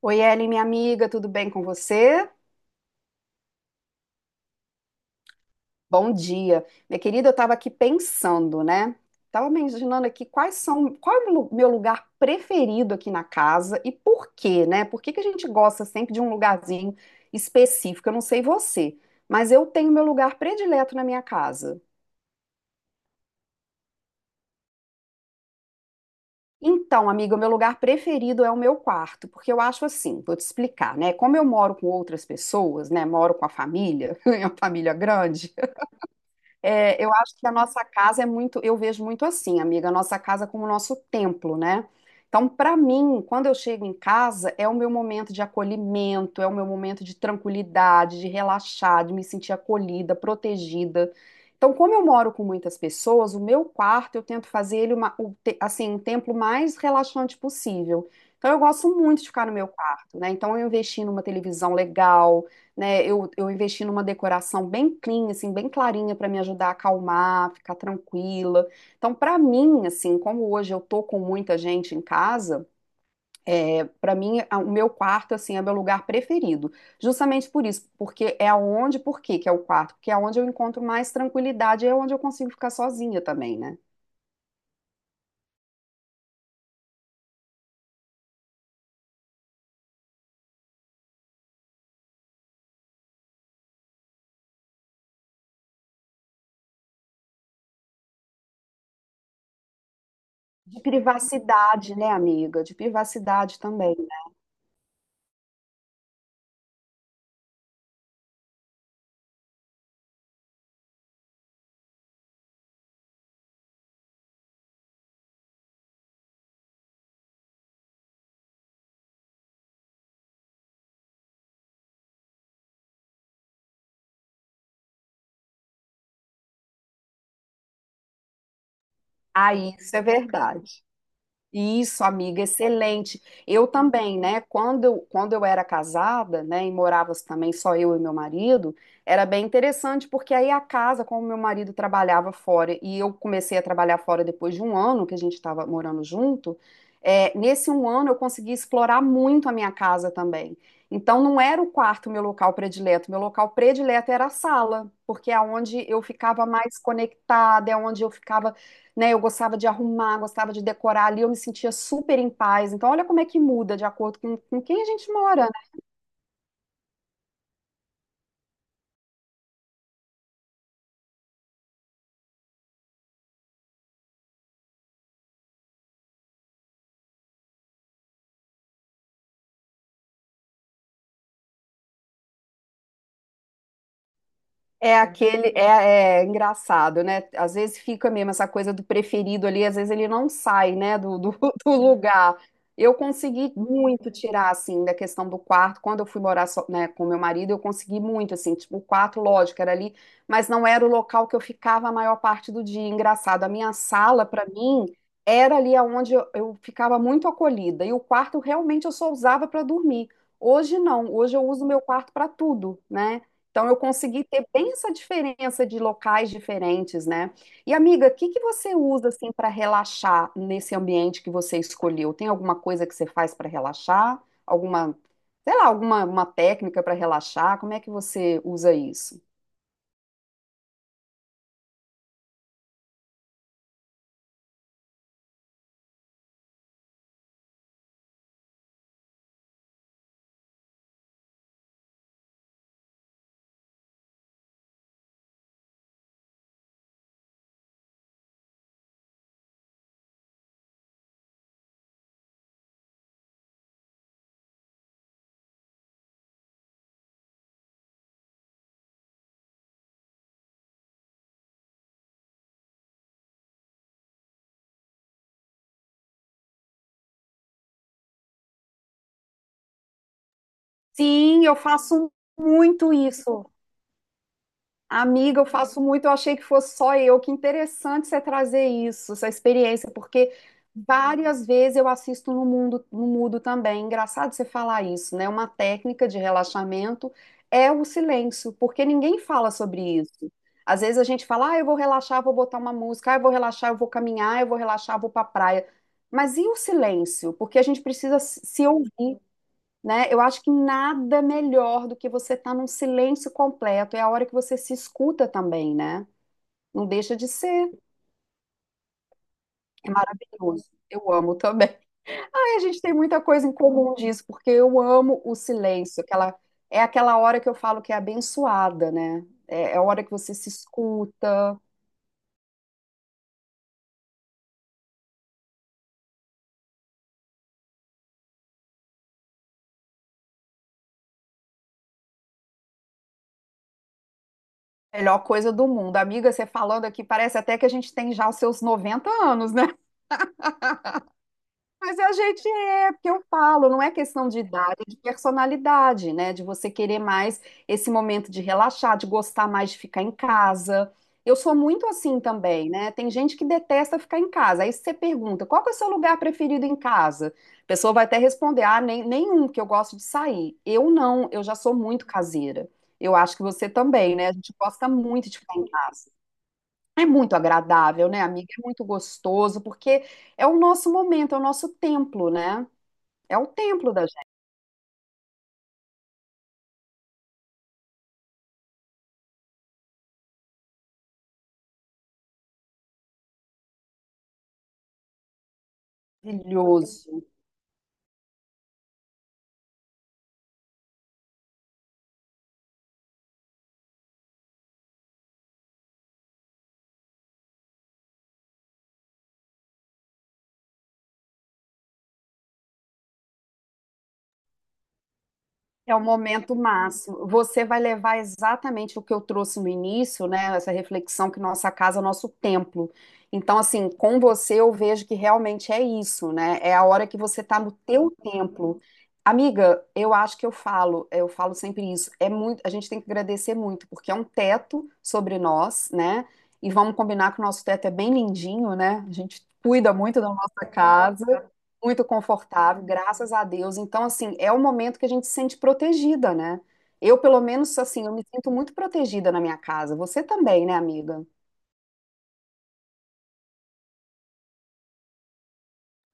Oi, Ellen, minha amiga, tudo bem com você? Bom dia. Minha querida, eu estava aqui pensando, né? Estava imaginando aqui quais são, qual é o lu- meu lugar preferido aqui na casa e por quê, né? Por que que a gente gosta sempre de um lugarzinho específico? Eu não sei você, mas eu tenho meu lugar predileto na minha casa. Então, amiga, o meu lugar preferido é o meu quarto, porque eu acho assim, vou te explicar, né? Como eu moro com outras pessoas, né? Moro com a família, é uma família grande. É, eu acho que a nossa casa é muito, eu vejo muito assim, amiga, a nossa casa como o nosso templo, né? Então, para mim, quando eu chego em casa, é o meu momento de acolhimento, é o meu momento de tranquilidade, de relaxar, de me sentir acolhida, protegida. Então, como eu moro com muitas pessoas, o meu quarto eu tento fazer ele uma, o te- assim, um templo mais relaxante possível. Então, eu gosto muito de ficar no meu quarto, né? Então, eu investi numa televisão legal, né? Eu investi numa decoração bem clean, assim, bem clarinha para me ajudar a acalmar, ficar tranquila. Então, para mim, assim, como hoje eu tô com muita gente em casa, o meu quarto assim é meu lugar preferido. Justamente por isso, porque é onde, por quê que é o quarto? Porque é onde eu encontro mais tranquilidade, é onde eu consigo ficar sozinha também, né? De privacidade, né, amiga? De privacidade também, né? Ah, isso é verdade. Isso, amiga, excelente. Eu também, né? Quando eu era casada, né, e morava também só eu e meu marido, era bem interessante porque aí a casa, como meu marido trabalhava fora e eu comecei a trabalhar fora depois de um ano que a gente estava morando junto, é, nesse um ano eu consegui explorar muito a minha casa também. Então não era o quarto meu local predileto era a sala, porque é onde eu ficava mais conectada, é onde eu ficava, né? Eu gostava de arrumar, gostava de decorar ali, eu me sentia super em paz. Então, olha como é que muda de acordo com quem a gente mora. É aquele, é, é engraçado, né? Às vezes fica mesmo essa coisa do preferido ali, às vezes ele não sai, né, do lugar. Eu consegui muito tirar, assim, da questão do quarto. Quando eu fui morar só, né, com meu marido, eu consegui muito, assim, tipo, o quarto, lógico, era ali, mas não era o local que eu ficava a maior parte do dia. Engraçado, a minha sala, para mim, era ali onde eu ficava muito acolhida. E o quarto, realmente, eu só usava para dormir. Hoje não, hoje eu uso meu quarto para tudo, né? Então, eu consegui ter bem essa diferença de locais diferentes, né? E, amiga, o que que você usa assim para relaxar nesse ambiente que você escolheu? Tem alguma coisa que você faz para relaxar? Alguma, sei lá, alguma uma técnica para relaxar? Como é que você usa isso? Sim, eu faço muito isso. Amiga, eu faço muito, eu achei que fosse só eu. Que interessante você trazer isso, essa experiência, porque várias vezes eu assisto no mundo, no mudo também. Engraçado você falar isso, né? Uma técnica de relaxamento é o silêncio, porque ninguém fala sobre isso. Às vezes a gente fala, ah, eu vou relaxar, vou botar uma música, ah, eu vou relaxar, eu vou caminhar, eu vou relaxar, eu vou pra praia. Mas e o silêncio? Porque a gente precisa se ouvir, né? Eu acho que nada melhor do que você estar num silêncio completo. É a hora que você se escuta também, né? Não deixa de ser. É maravilhoso. Eu amo também. Aí a gente tem muita coisa em comum disso, porque eu amo o silêncio. Aquela, é aquela hora que eu falo que é abençoada, né? É a hora que você se escuta. Melhor coisa do mundo. Amiga, você falando aqui, parece até que a gente tem já os seus 90 anos, né? Mas a gente é, porque eu falo, não é questão de idade, é de personalidade, né? De você querer mais esse momento de relaxar, de gostar mais de ficar em casa. Eu sou muito assim também, né? Tem gente que detesta ficar em casa. Aí você pergunta, qual que é o seu lugar preferido em casa? A pessoa vai até responder, ah, nem, nenhum, que eu gosto de sair. Eu não, eu já sou muito caseira. Eu acho que você também, né? A gente gosta muito de ficar em casa. É muito agradável, né, amiga? É muito gostoso, porque é o nosso momento, é o nosso templo, né? É o templo da gente. Maravilhoso. É o momento máximo. Você vai levar exatamente o que eu trouxe no início, né? Essa reflexão que nossa casa é o nosso templo. Então, assim, com você eu vejo que realmente é isso, né? É a hora que você tá no teu templo. Amiga, eu acho que eu falo sempre isso. É muito, a gente tem que agradecer muito, porque é um teto sobre nós, né? E vamos combinar que o nosso teto é bem lindinho, né? A gente cuida muito da nossa casa, muito confortável, graças a Deus. Então, assim, é o momento que a gente se sente protegida, né? Eu, pelo menos, assim, eu me sinto muito protegida na minha casa. Você também, né, amiga?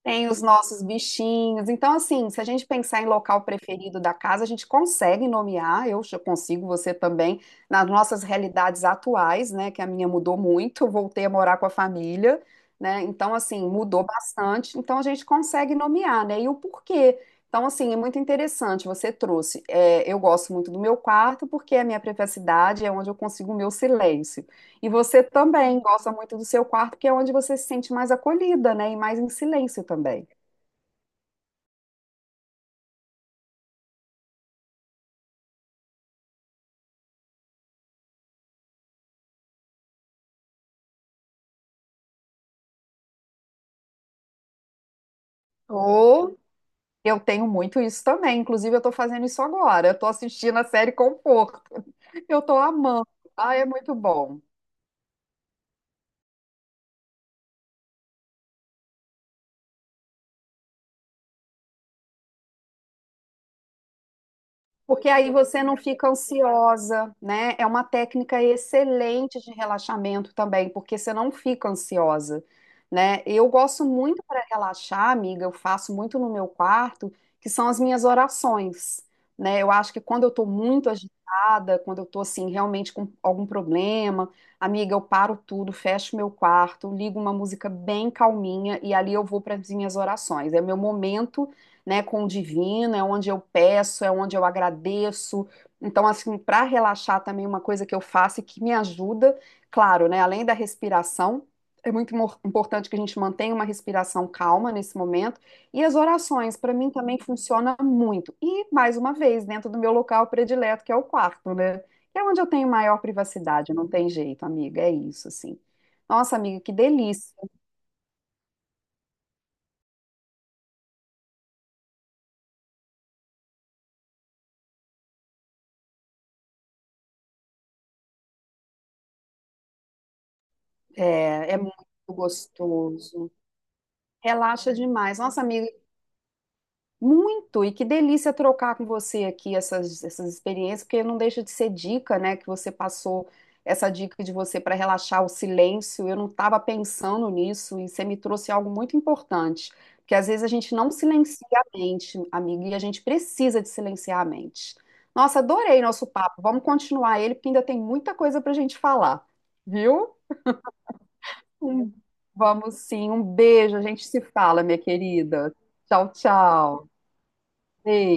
Tem os nossos bichinhos. Então, assim, se a gente pensar em local preferido da casa, a gente consegue nomear, eu já consigo, você também, nas nossas realidades atuais, né? Que a minha mudou muito, eu voltei a morar com a família, né? Então, assim, mudou bastante. Então, a gente consegue nomear, né? E o porquê. Então, assim, é muito interessante, você trouxe. É, eu gosto muito do meu quarto, porque é a minha privacidade, é onde eu consigo o meu silêncio. E você também gosta muito do seu quarto, que é onde você se sente mais acolhida, né? E mais em silêncio também. Ou eu tenho muito isso também. Inclusive, eu estou fazendo isso agora. Eu estou assistindo a série Conforto. Eu estou amando. Ah, é muito bom. Porque aí você não fica ansiosa, né? É uma técnica excelente de relaxamento também, porque você não fica ansiosa, né? Eu gosto muito para relaxar, amiga, eu faço muito no meu quarto, que são as minhas orações, né? Eu acho que quando eu estou muito agitada, quando eu estou assim realmente com algum problema, amiga, eu paro tudo, fecho meu quarto, ligo uma música bem calminha e ali eu vou para as minhas orações. É meu momento, né, com o divino, é onde eu peço, é onde eu agradeço. Então, assim, para relaxar também uma coisa que eu faço e que me ajuda, claro, né, além da respiração, é importante que a gente mantenha uma respiração calma nesse momento. E as orações, para mim, também funciona muito. E, mais uma vez, dentro do meu local predileto, que é o quarto, né? Que é onde eu tenho maior privacidade, não tem jeito, amiga, é isso, assim. Nossa, amiga, que delícia. É, é muito gostoso. Relaxa demais. Nossa, amiga, muito, e que delícia trocar com você aqui essas experiências, porque não deixa de ser dica, né, que você passou essa dica de você para relaxar o silêncio. Eu não estava pensando nisso e você me trouxe algo muito importante, porque às vezes a gente não silencia a mente, amiga, e a gente precisa de silenciar a mente. Nossa, adorei nosso papo. Vamos continuar ele, porque ainda tem muita coisa para a gente falar, viu? Um- Vamos sim, um beijo, a gente se fala, minha querida. Tchau, tchau. Beijo.